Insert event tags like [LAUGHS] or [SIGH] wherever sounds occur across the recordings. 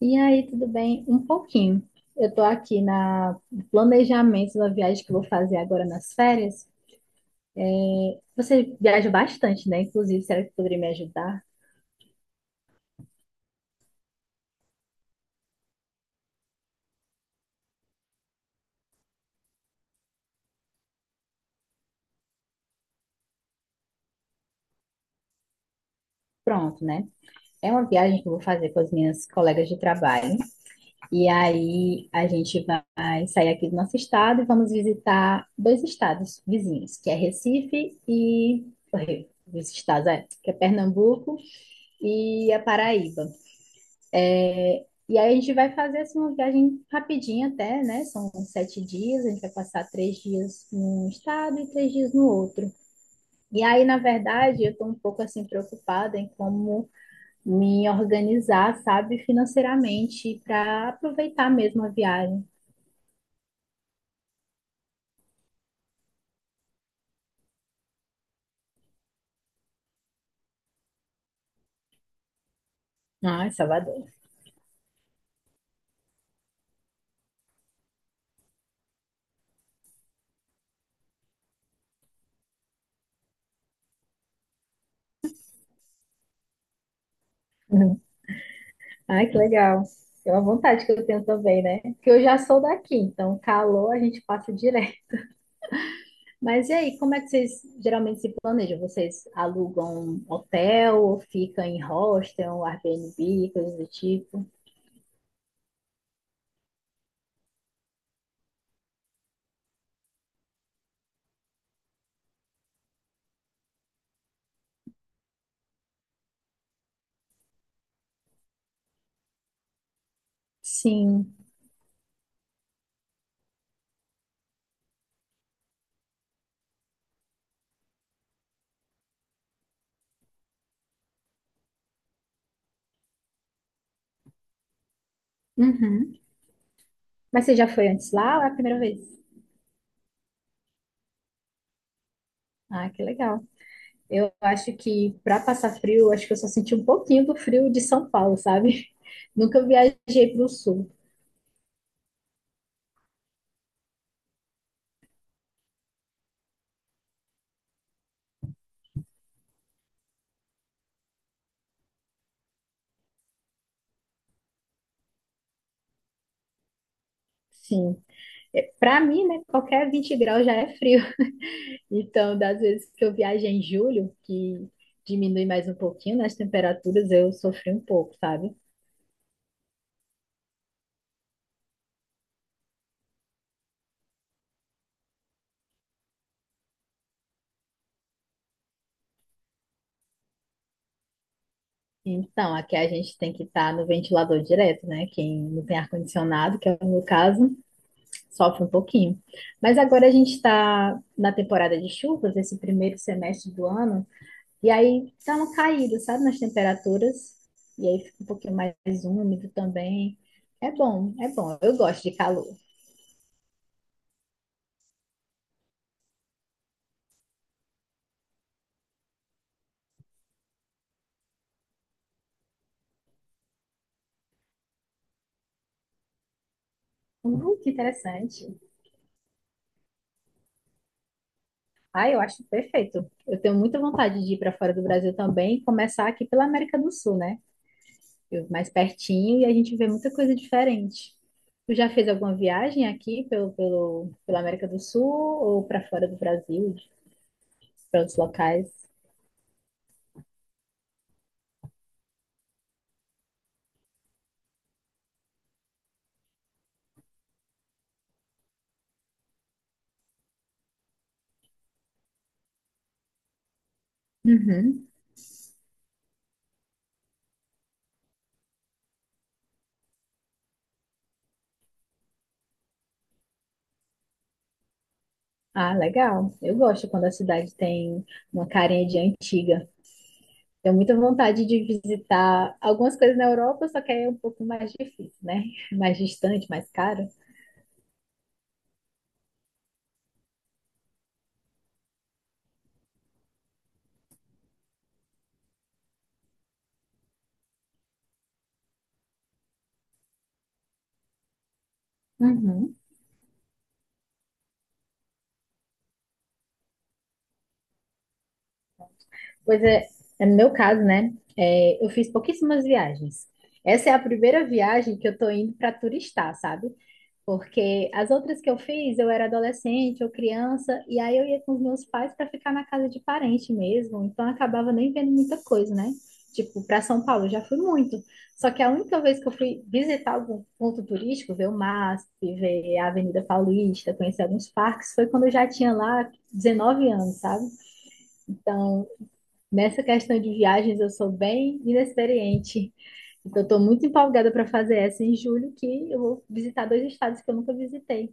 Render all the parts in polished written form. E aí, tudo bem? Um pouquinho. Eu estou aqui na no planejamento da viagem que eu vou fazer agora nas férias. É, você viaja bastante, né? Inclusive, será que poderia me ajudar? Pronto, né? É uma viagem que eu vou fazer com as minhas colegas de trabalho. E aí a gente vai sair aqui do nosso estado e vamos visitar dois estados vizinhos, que é Recife e os estados, que é Pernambuco e a Paraíba. E aí a gente vai fazer assim, uma viagem rapidinha até, né? São 7 dias, a gente vai passar 3 dias num estado e 3 dias no outro. E aí, na verdade, eu estou um pouco assim preocupada em como me organizar, sabe, financeiramente para aproveitar mesmo a viagem. Ai, Salvador. [LAUGHS] Uhum. Ai, que legal. É uma vontade que eu tenho também, né? Porque eu já sou daqui, então calor a gente passa direto. Mas e aí, como é que vocês geralmente se planejam? Vocês alugam hotel ou ficam em hostel, Airbnb, coisas do tipo? Sim. Uhum. Mas você já foi antes lá ou é a primeira vez? Ah, que legal. Eu acho que para passar frio, acho que eu só senti um pouquinho do frio de São Paulo, sabe? [LAUGHS] Nunca viajei para o sul. Sim. Para mim, né, qualquer 20 graus já é frio. Então, das vezes que eu viajei em julho, que diminui mais um pouquinho nas temperaturas, eu sofri um pouco, sabe? Então, aqui a gente tem que estar no ventilador direto, né? Quem não tem ar-condicionado, que é o meu caso, sofre um pouquinho. Mas agora a gente está na temporada de chuvas, esse primeiro semestre do ano, e aí tá uma caída, sabe, nas temperaturas, e aí fica um pouquinho mais úmido também. É bom, eu gosto de calor. Que interessante. Ah, eu acho perfeito. Eu tenho muita vontade de ir para fora do Brasil também, e começar aqui pela América do Sul, né? Mais pertinho e a gente vê muita coisa diferente. Tu já fez alguma viagem aqui pela América do Sul ou para fora do Brasil, para outros locais? Uhum. Ah, legal. Eu gosto quando a cidade tem uma carinha de antiga. Tenho muita vontade de visitar algumas coisas na Europa, só que aí é um pouco mais difícil, né? [LAUGHS] Mais distante, mais caro. Uhum. Pois é, é no meu caso, né? Eu fiz pouquíssimas viagens. Essa é a primeira viagem que eu tô indo para turistar, sabe? Porque as outras que eu fiz, eu era adolescente ou criança, e aí eu ia com os meus pais para ficar na casa de parente mesmo, então eu acabava nem vendo muita coisa, né? Tipo, para São Paulo eu já fui muito. Só que a única vez que eu fui visitar algum ponto turístico, ver o MASP, ver a Avenida Paulista, conhecer alguns parques, foi quando eu já tinha lá 19 anos, sabe? Então, nessa questão de viagens, eu sou bem inexperiente. Então, estou muito empolgada para fazer essa em julho, que eu vou visitar dois estados que eu nunca visitei.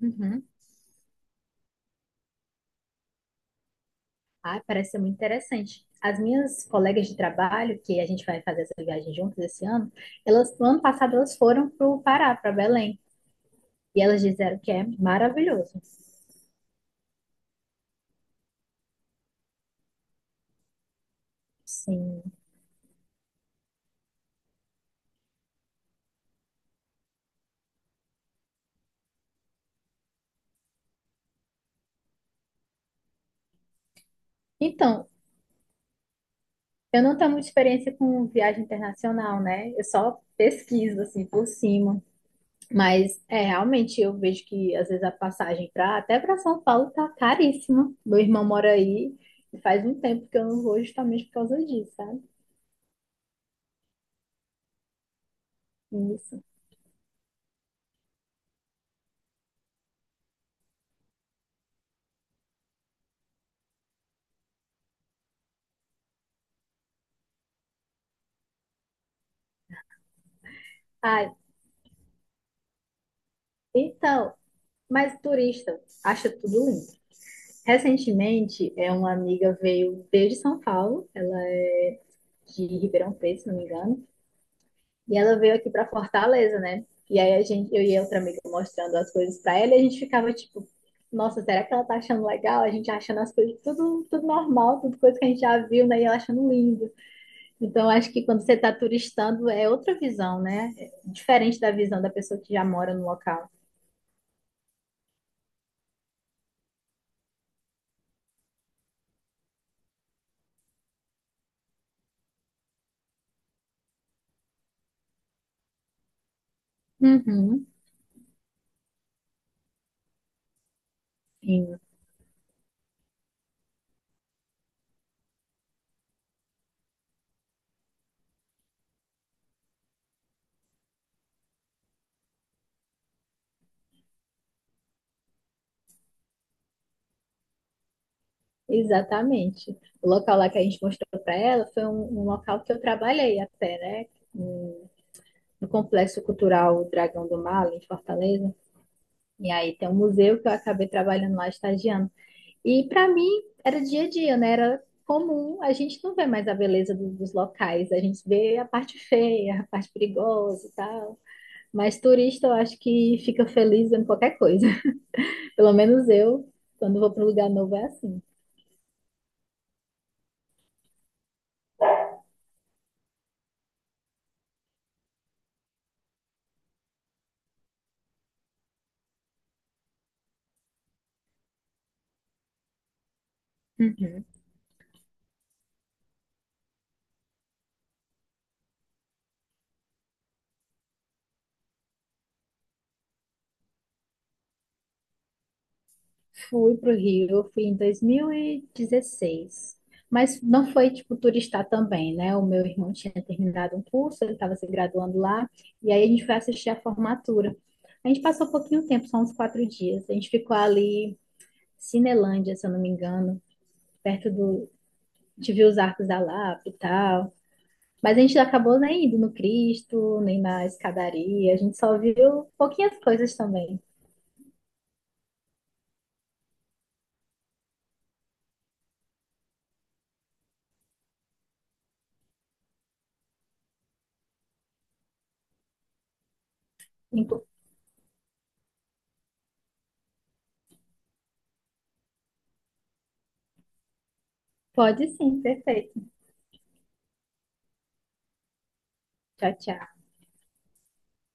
Uhum. Ah, parece ser muito interessante. As minhas colegas de trabalho, que a gente vai fazer essa viagem juntas esse ano, elas, no ano passado, elas foram para o Pará, para Belém. E elas disseram que é maravilhoso. Sim. Então, eu não tenho muita experiência com viagem internacional, né? Eu só pesquiso, assim, por cima. Mas é realmente eu vejo que às vezes a passagem para até para São Paulo tá caríssima. Meu irmão mora aí e faz um tempo que eu não vou justamente por causa disso, sabe? Isso. Ai, então, mas turista acha tudo lindo. Recentemente, uma amiga veio desde São Paulo, ela é de Ribeirão Preto, se não me engano. E ela veio aqui pra Fortaleza, né? E aí a gente, eu e outra amiga mostrando as coisas pra ela e a gente ficava tipo, nossa, será que ela tá achando legal? A gente achando as coisas tudo, tudo normal, tudo coisa que a gente já viu, né? E ela achando lindo. Então, acho que quando você tá turistando é outra visão, né? É diferente da visão da pessoa que já mora no local. Uhum. Sim, exatamente. O local lá que a gente mostrou para ela foi um local que eu trabalhei até, né? No no Complexo Cultural Dragão do Mar, ali em Fortaleza. E aí tem um museu que eu acabei trabalhando lá, estagiando. E para mim era dia a dia, né? Era comum. A gente não vê mais a beleza dos locais, a gente vê a parte feia, a parte perigosa e tal. Mas turista eu acho que fica feliz vendo qualquer coisa. [LAUGHS] Pelo menos eu, quando vou para um lugar novo, é assim. Fui pro Rio, fui em 2016. Mas não foi, tipo, turistar também, né? O meu irmão tinha terminado um curso, ele estava se graduando lá, e aí a gente foi assistir a formatura. A gente passou um pouquinho tempo, só uns 4 dias. A gente ficou ali, Cinelândia, se eu não me engano, perto de ver os Arcos da Lapa e tal. Mas a gente acabou nem indo no Cristo, nem na escadaria. A gente só viu pouquinhas coisas também. Pode sim, perfeito. Tchau, tchau.